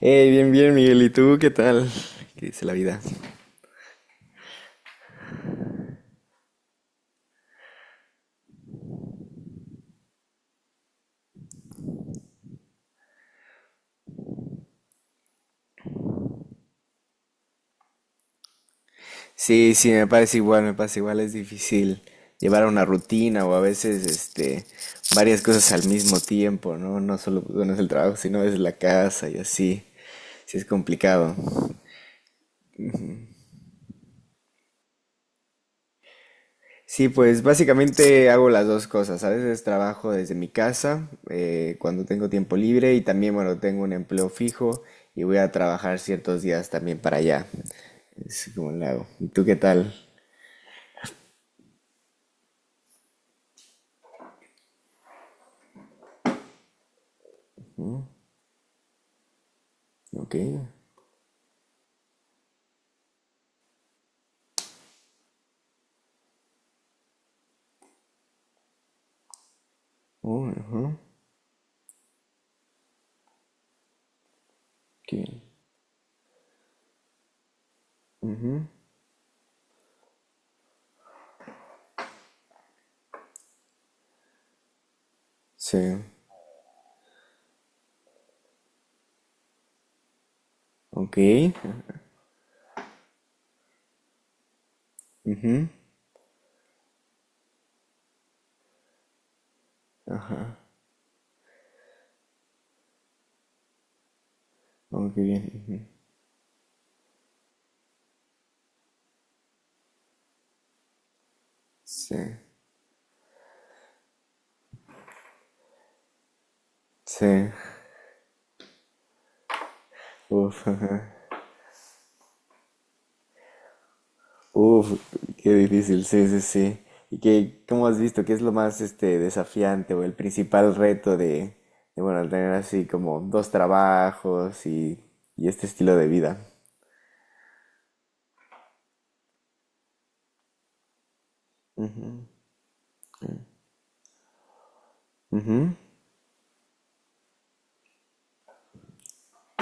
Hey, bien, bien, Miguel. ¿Y tú qué tal? ¿Qué dice la vida? Sí, sí, me parece igual, me pasa igual. Es difícil llevar una rutina o a veces, varias cosas al mismo tiempo, ¿no? No solo no es el trabajo, sino es la casa y así. Sí, es complicado. Sí, pues básicamente hago las dos cosas. A veces trabajo desde mi casa, cuando tengo tiempo libre y también, bueno, tengo un empleo fijo y voy a trabajar ciertos días también para allá. Es como lo hago. ¿Y tú qué tal? Ok. Que, sí. Ok. Ok, ujú. Sí. Sí. Uf, ajá. Uf, qué difícil. Sí, sí, sí. ¿Y qué, cómo has visto? ¿Qué es lo más desafiante o el principal reto de bueno, al tener así como dos trabajos y este estilo de vida?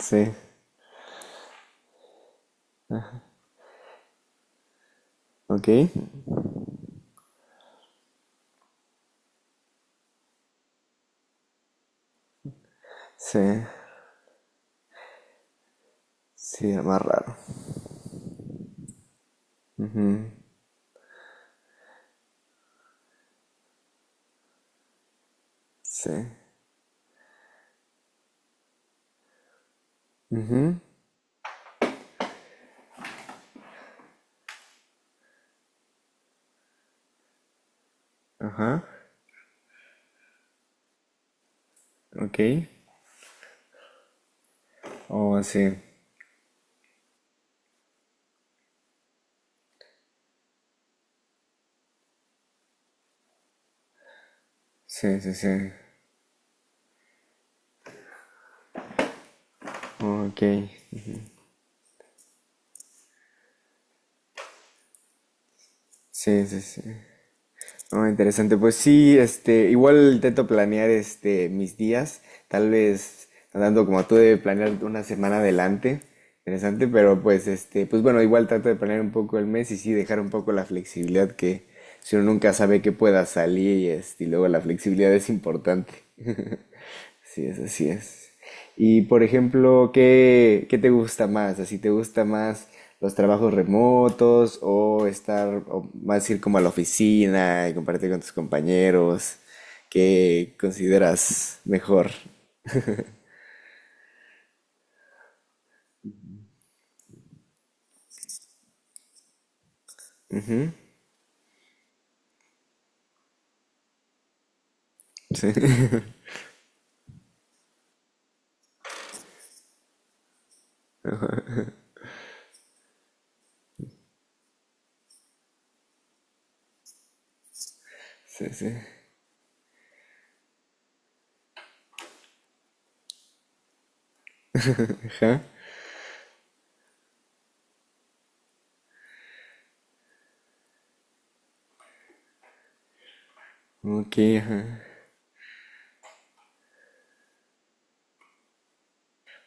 Sí. Ok. Sí. Sí, es más raro. Sí. Ajá. Ok. Oh, sí. Sí, sí, sí. Ok. Sí, sí, sí. No, interesante. Pues sí, igual intento planear mis días, tal vez andando como tú de planear una semana adelante. Interesante, pero pues bueno, igual trato de planear un poco el mes y sí dejar un poco la flexibilidad que si uno nunca sabe que pueda salir y y luego la flexibilidad es importante. Así es, así es. Y por ejemplo, ¿qué, qué te gusta más? ¿Así te gusta más los trabajos remotos o estar o más ir como a la oficina y compartir con tus compañeros? ¿Qué consideras mejor? Sí, sí, sí. Ajá. Ok, ajá.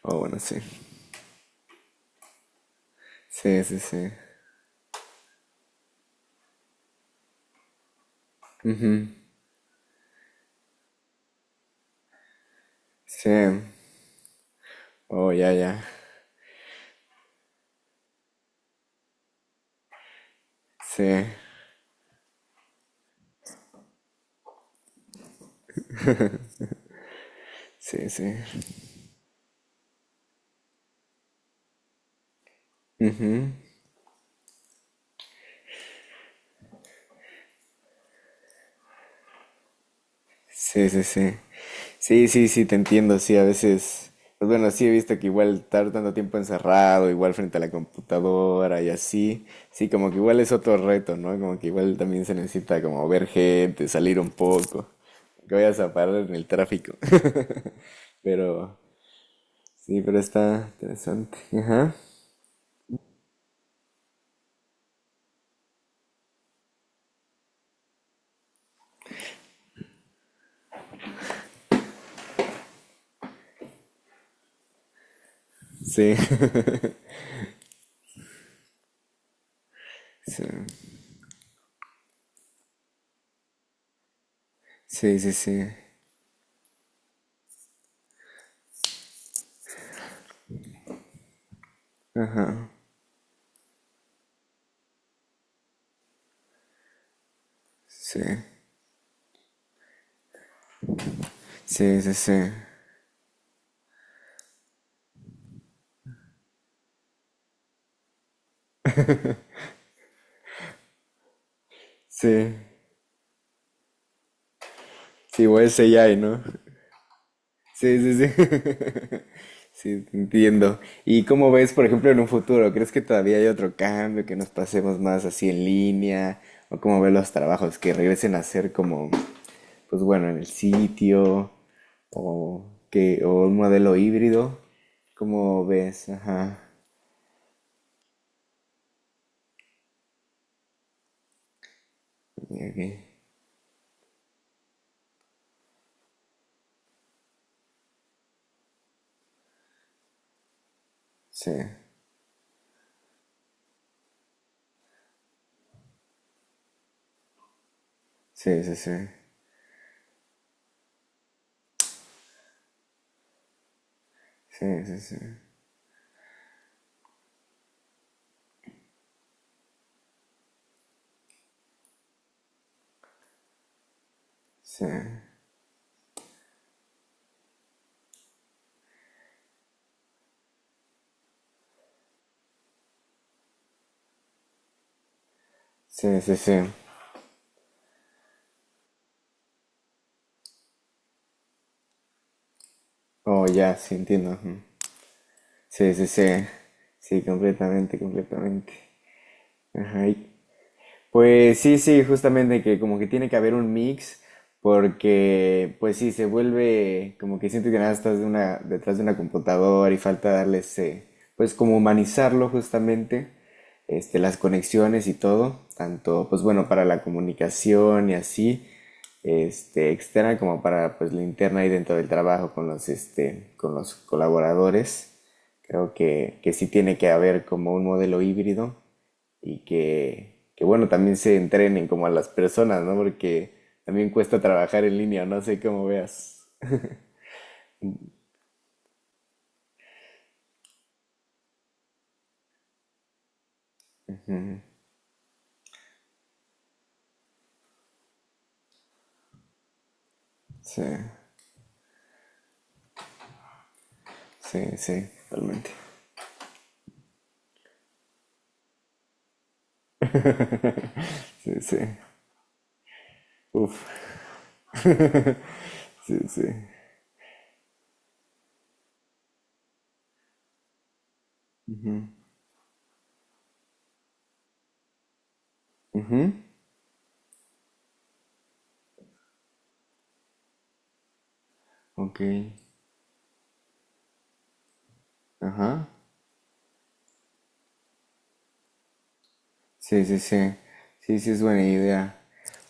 Oh, bueno, sí. Sí, sí, sí. Sí. Oh, ya, ya. Sí, sí, sí. Sí, sí, sí. Sí, sí, sí, te entiendo, sí, a veces, pues bueno, sí he visto que igual estar tanto tiempo encerrado, igual frente a la computadora y así, sí, como que igual es otro reto, ¿no? Como que igual también se necesita como ver gente, salir un poco, que vayas a parar en el tráfico. Pero, sí, pero está interesante. Ajá. Sí, sí, sí, sí, sí, sí, sí, sí, sí, sí, sí, igual ese ya, ¿no? Sí, sí, sí. Sí, te entiendo. ¿Y cómo ves, por ejemplo, en un futuro? ¿Crees que todavía hay otro cambio, que nos pasemos más así en línea? ¿O cómo ves los trabajos que regresen a ser como, pues bueno, en el sitio o que o un modelo híbrido? ¿Cómo ves? Ajá. Ok. Sí, sí, sí, sí, sí, sí, sí, sí, sí, sí, sí. Oh, ya, sí, entiendo. Ujú. Sí, sí, sí, sí, completamente, completamente. Ajá. ¿Y pues sí, sí, justamente que como que tiene que haber un mix, porque pues sí, se vuelve como que siento que nada más estás de una, detrás de una computadora y falta darle ese, pues como humanizarlo justamente, las conexiones y todo, tanto pues bueno, para la comunicación y así, externa como para pues la interna ahí dentro del trabajo con los, con los colaboradores. Creo que sí tiene que haber como un modelo híbrido y que bueno, también se entrenen como a las personas, ¿no? Porque también cuesta trabajar en línea, no sé cómo veas. Sí, sí, sí, totalmente. Sí, sí. Uf, sí, sí. Ujú, ok, ajá. Sí, sí, sí. Sí, sí, es buena idea.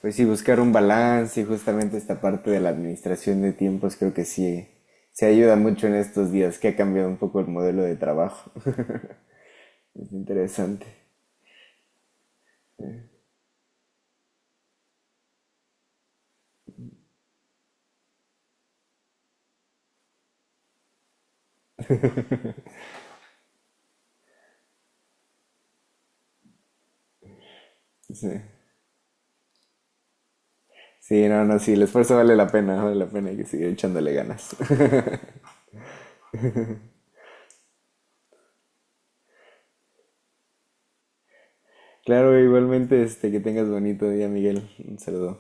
Pues sí, buscar un balance y justamente esta parte de la administración de tiempos creo que sí se ayuda mucho en estos días, que ha cambiado un poco el modelo de trabajo. Es interesante. Sí. Sí, no, no, sí, el esfuerzo vale la pena, hay que seguir echándole ganas. Claro, igualmente, que tengas bonito día, Miguel. Un saludo.